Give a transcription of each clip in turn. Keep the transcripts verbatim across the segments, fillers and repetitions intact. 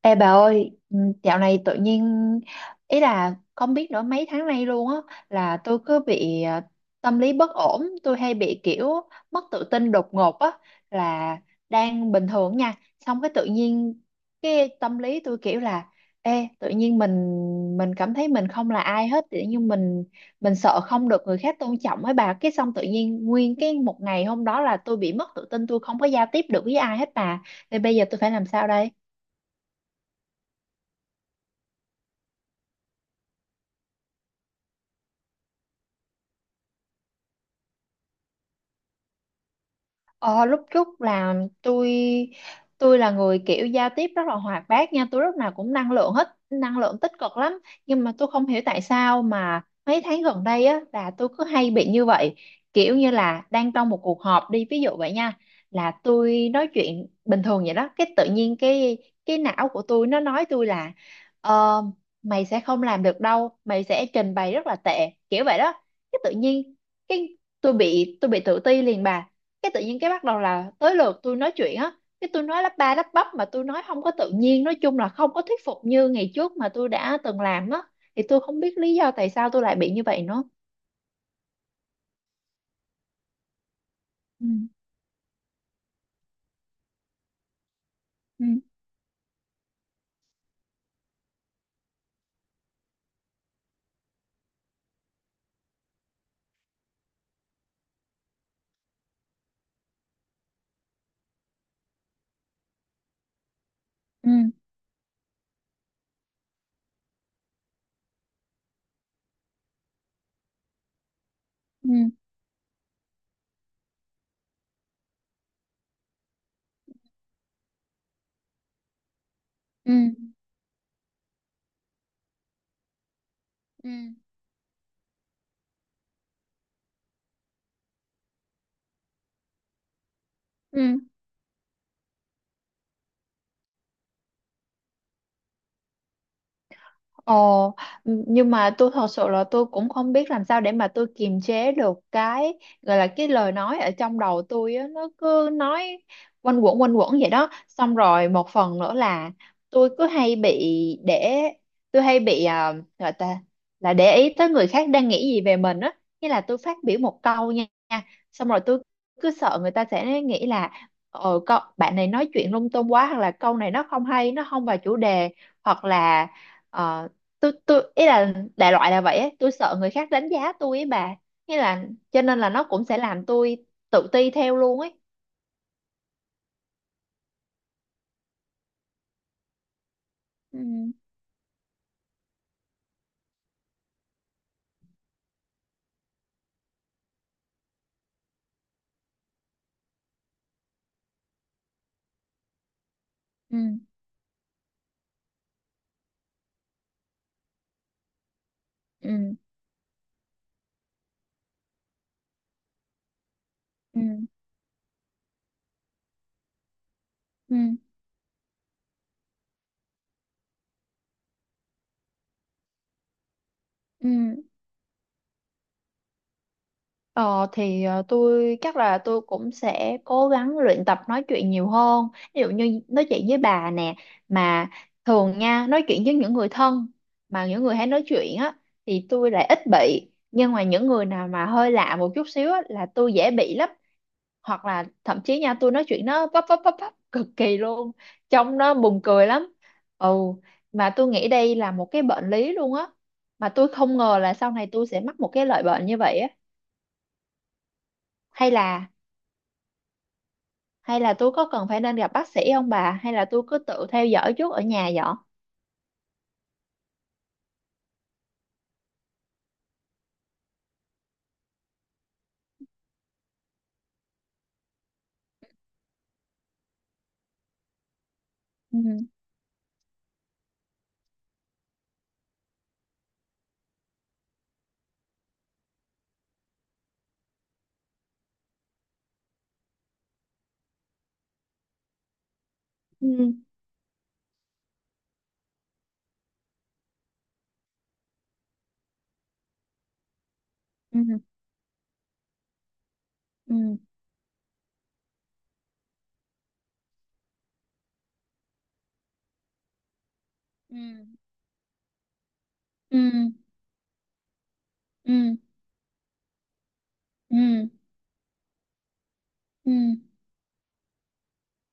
Ê bà ơi, ừ, dạo này tự nhiên ý là không biết nữa, mấy tháng nay luôn á là tôi cứ bị ờ, tâm lý bất ổn, tôi hay bị kiểu mất tự tin đột ngột á, là đang bình thường nha, xong cái tự nhiên cái tâm lý tôi kiểu là ê tự nhiên mình mình cảm thấy mình không là ai hết, tự nhiên mình mình sợ không được người khác tôn trọng ấy bà, cái xong tự nhiên nguyên cái một ngày hôm đó là tôi bị mất tự tin, tôi không có giao tiếp được với ai hết bà. Thì bây giờ tôi phải làm sao đây? Ờ, lúc trước là tôi tôi là người kiểu giao tiếp rất là hoạt bát nha, tôi lúc nào cũng năng lượng, hết năng lượng tích cực lắm, nhưng mà tôi không hiểu tại sao mà mấy tháng gần đây á là tôi cứ hay bị như vậy, kiểu như là đang trong một cuộc họp đi, ví dụ vậy nha, là tôi nói chuyện bình thường vậy đó, cái tự nhiên cái cái não của tôi nó nói tôi là ờ, mày sẽ không làm được đâu, mày sẽ trình bày rất là tệ kiểu vậy đó. Cái tự nhiên cái tôi bị tôi bị tự ti liền bà, cái tự nhiên cái bắt đầu là tới lượt tôi nói chuyện á, cái tôi nói lắp ba lắp bắp mà tôi nói không có tự nhiên, nói chung là không có thuyết phục như ngày trước mà tôi đã từng làm á. Thì tôi không biết lý do tại sao tôi lại bị như vậy nữa. Ừ. Ừ. Ừ. Ừ. Ừ. Ừ. Ừ. Ồ, nhưng mà tôi thật sự là tôi cũng không biết làm sao để mà tôi kiềm chế được cái gọi là cái lời nói ở trong đầu tôi á, nó cứ nói quanh quẩn quanh quẩn vậy đó. Xong rồi một phần nữa là tôi cứ hay bị để tôi hay bị à, gọi ta là để ý tới người khác đang nghĩ gì về mình á, nghĩa là tôi phát biểu một câu nha, xong rồi tôi cứ sợ người ta sẽ nghĩ là ờ cậu bạn này nói chuyện lung tung quá, hoặc là câu này nó không hay, nó không vào chủ đề, hoặc là ờ, tôi tôi ý là đại loại là vậy ấy. Tôi sợ người khác đánh giá tôi ấy bà, nghĩa là cho nên là nó cũng sẽ làm tôi tự ti theo luôn ấy. Ừ. Ừ. Ừ. Ừ. Ừ. Ừ. Ờ, thì ờ, tôi chắc là tôi cũng sẽ cố gắng luyện tập nói chuyện nhiều hơn, ví dụ như nói chuyện với bà nè, mà thường nha nói chuyện với những người thân, mà những người hay nói chuyện á thì tôi lại ít bị, nhưng mà những người nào mà hơi lạ một chút xíu á là tôi dễ bị lắm. Hoặc là thậm chí nha tôi nói chuyện nó vấp vấp vấp vấp cực kỳ luôn, trông nó buồn cười lắm. Ừ, mà tôi nghĩ đây là một cái bệnh lý luôn á, mà tôi không ngờ là sau này tôi sẽ mắc một cái loại bệnh như vậy á. Hay là hay là tôi có cần phải nên gặp bác sĩ không bà, hay là tôi cứ tự theo dõi trước ở nhà vậy? Ừ. Ừ. Ừ. Ừ. Ừ. Ừ. Ừ. Ừ. Ừ.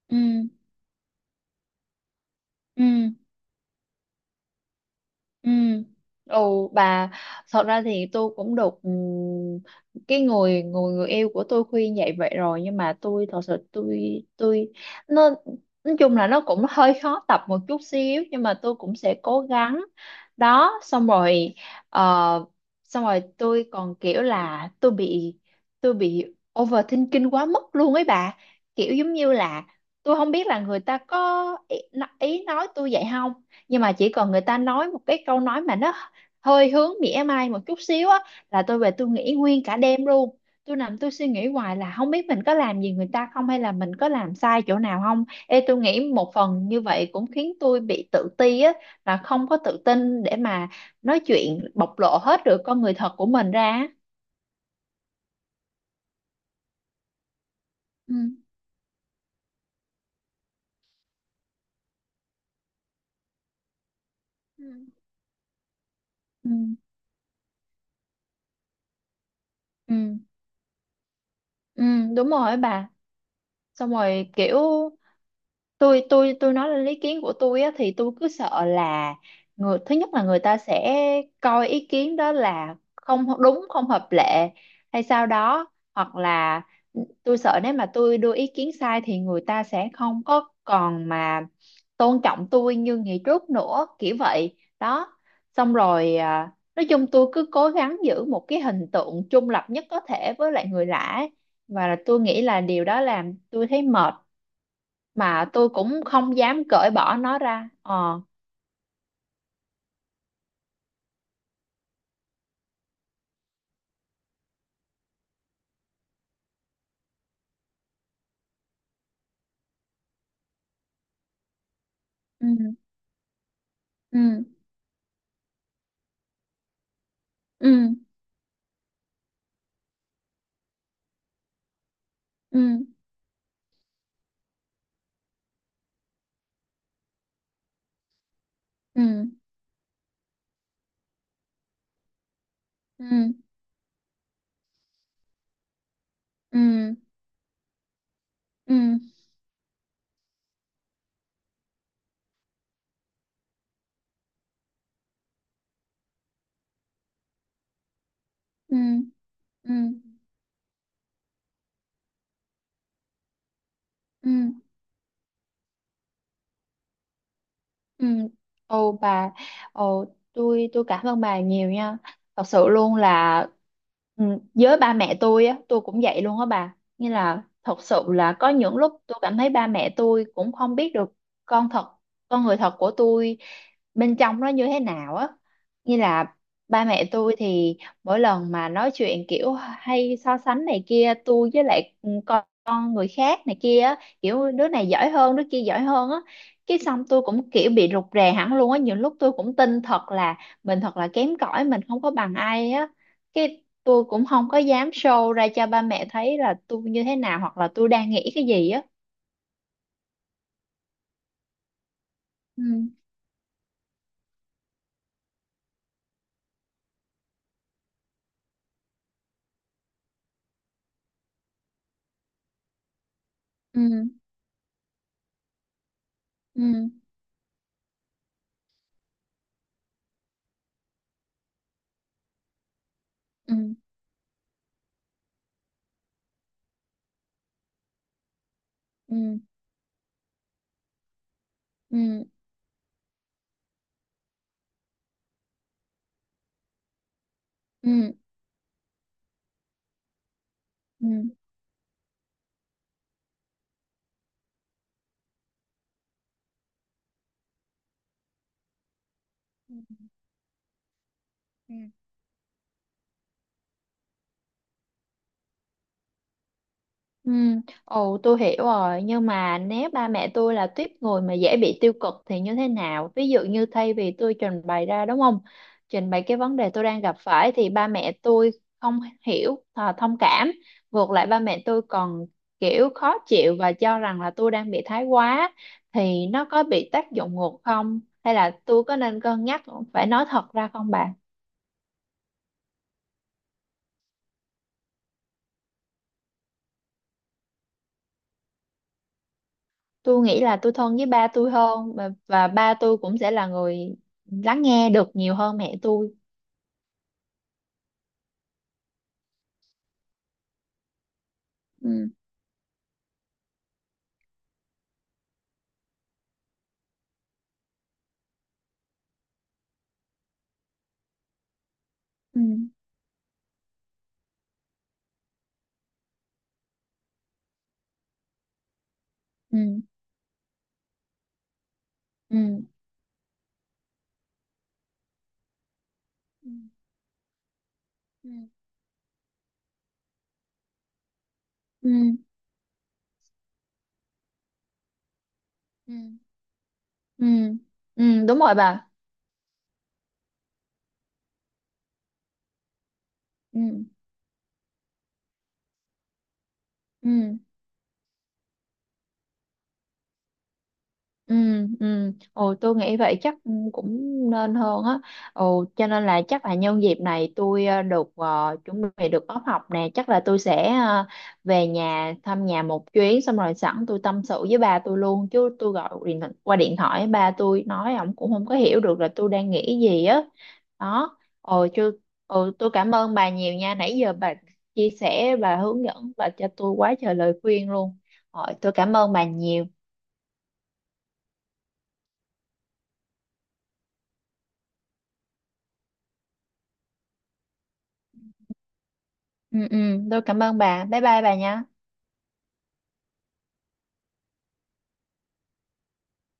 Ừ. Ừ. Ừ. Ồ bà, thật ra thì tôi cũng được ừm, cái người người người yêu của tôi khuyên dạy vậy rồi, nhưng mà tôi thật sự tôi tôi nó nói chung là nó cũng hơi khó tập một chút xíu, nhưng mà tôi cũng sẽ cố gắng. Đó xong rồi ờ, xong rồi tôi còn kiểu là tôi bị tôi bị overthinking quá mức luôn ấy bà, kiểu giống như là tôi không biết là người ta có ý, ý nói tôi vậy không. Nhưng mà chỉ cần người ta nói một cái câu nói mà nó hơi hướng mỉa mai một chút xíu á là tôi về tôi nghĩ nguyên cả đêm luôn, tôi nằm tôi suy nghĩ hoài là không biết mình có làm gì người ta không, hay là mình có làm sai chỗ nào không. Ê, tôi nghĩ một phần như vậy cũng khiến tôi bị tự ti á, là không có tự tin để mà nói chuyện bộc lộ hết được con người thật của mình ra á. Ừ. Ừ. Ừ, ừ, ừ, đúng rồi bà, xong rồi kiểu tôi tôi tôi nói lên ý kiến của tôi á thì tôi cứ sợ là người thứ nhất là người ta sẽ coi ý kiến đó là không đúng không hợp lệ hay sao đó, hoặc là ừ, tôi sợ nếu mà tôi đưa ý kiến sai thì người ta sẽ không có còn mà tôn trọng tôi như ngày trước nữa kiểu vậy đó. Xong rồi à, nói chung tôi cứ cố gắng giữ một cái hình tượng trung lập nhất có thể với lại người lạ ấy. Và tôi nghĩ là điều đó làm tôi thấy mệt, mà tôi cũng không dám cởi bỏ nó ra ờ ừ. Ừ. Ừ. Ừ. Ừ. Ừ. Ừ. Ừ. Ừ. Ừ. Ừ. Ừ. Ừ. Ồ bà, ồ tôi tôi cảm ơn bà nhiều nha. Thật sự luôn là, ừ, với ba mẹ tôi á, tôi cũng vậy luôn á bà. Như là thật sự là có những lúc tôi cảm thấy ba mẹ tôi cũng không biết được con thật, con người thật của tôi bên trong nó như thế nào á. Như là ba mẹ tôi thì mỗi lần mà nói chuyện kiểu hay so sánh này kia, tôi với lại con, con người khác này kia á, kiểu đứa này giỏi hơn, đứa kia giỏi hơn á. Cái xong tôi cũng kiểu bị rụt rè hẳn luôn á, nhiều lúc tôi cũng tin thật là mình thật là kém cỏi, mình không có bằng ai á. Cái tôi cũng không có dám show ra cho ba mẹ thấy là tôi như thế nào hoặc là tôi đang nghĩ cái gì á. Ừ. Ừ. Ừ. Ừ. Ừ. Ừ. Ừ. Ừ. Ừ. Ừ. Ừ, ồ tôi hiểu rồi, nhưng mà nếu ba mẹ tôi là tuýp người mà dễ bị tiêu cực thì như thế nào? Ví dụ như thay vì tôi trình bày ra đúng không? Trình bày cái vấn đề tôi đang gặp phải thì ba mẹ tôi không hiểu, à, thông cảm, ngược lại ba mẹ tôi còn kiểu khó chịu và cho rằng là tôi đang bị thái quá, thì nó có bị tác dụng ngược không? Hay là tôi có nên cân nhắc phải nói thật ra không bà? Tôi nghĩ là tôi thân với ba tôi hơn, và, và ba tôi cũng sẽ là người lắng nghe được nhiều hơn mẹ tôi. Ừ. Ừ. Ừ. Ừ. Ừ. Ừ. Ừ. Ừ. Ừ. Ừ, đúng rồi bà. Ừ. Ừ. Ừ, ừ. Ồ, tôi nghĩ vậy chắc cũng nên hơn á. Ồ, cho nên là chắc là nhân dịp này tôi ờ, được ờ, chuẩn bị được off học nè, chắc là tôi sẽ ờ, về nhà thăm nhà một chuyến, xong rồi sẵn tôi tâm sự với ba tôi luôn, chứ tôi gọi điện qua điện thoại ba tôi nói, ổng cũng không có hiểu được là tôi đang nghĩ gì á. Đó. Ồ, chứ ồ, tôi cảm ơn bà nhiều nha. Nãy giờ bà chia sẻ, bà hướng dẫn, bà cho tôi quá trời lời khuyên luôn. Ồ, tôi cảm ơn bà nhiều. Ừ. Ừ. Tôi cảm ơn bà, bye bye bà nhé.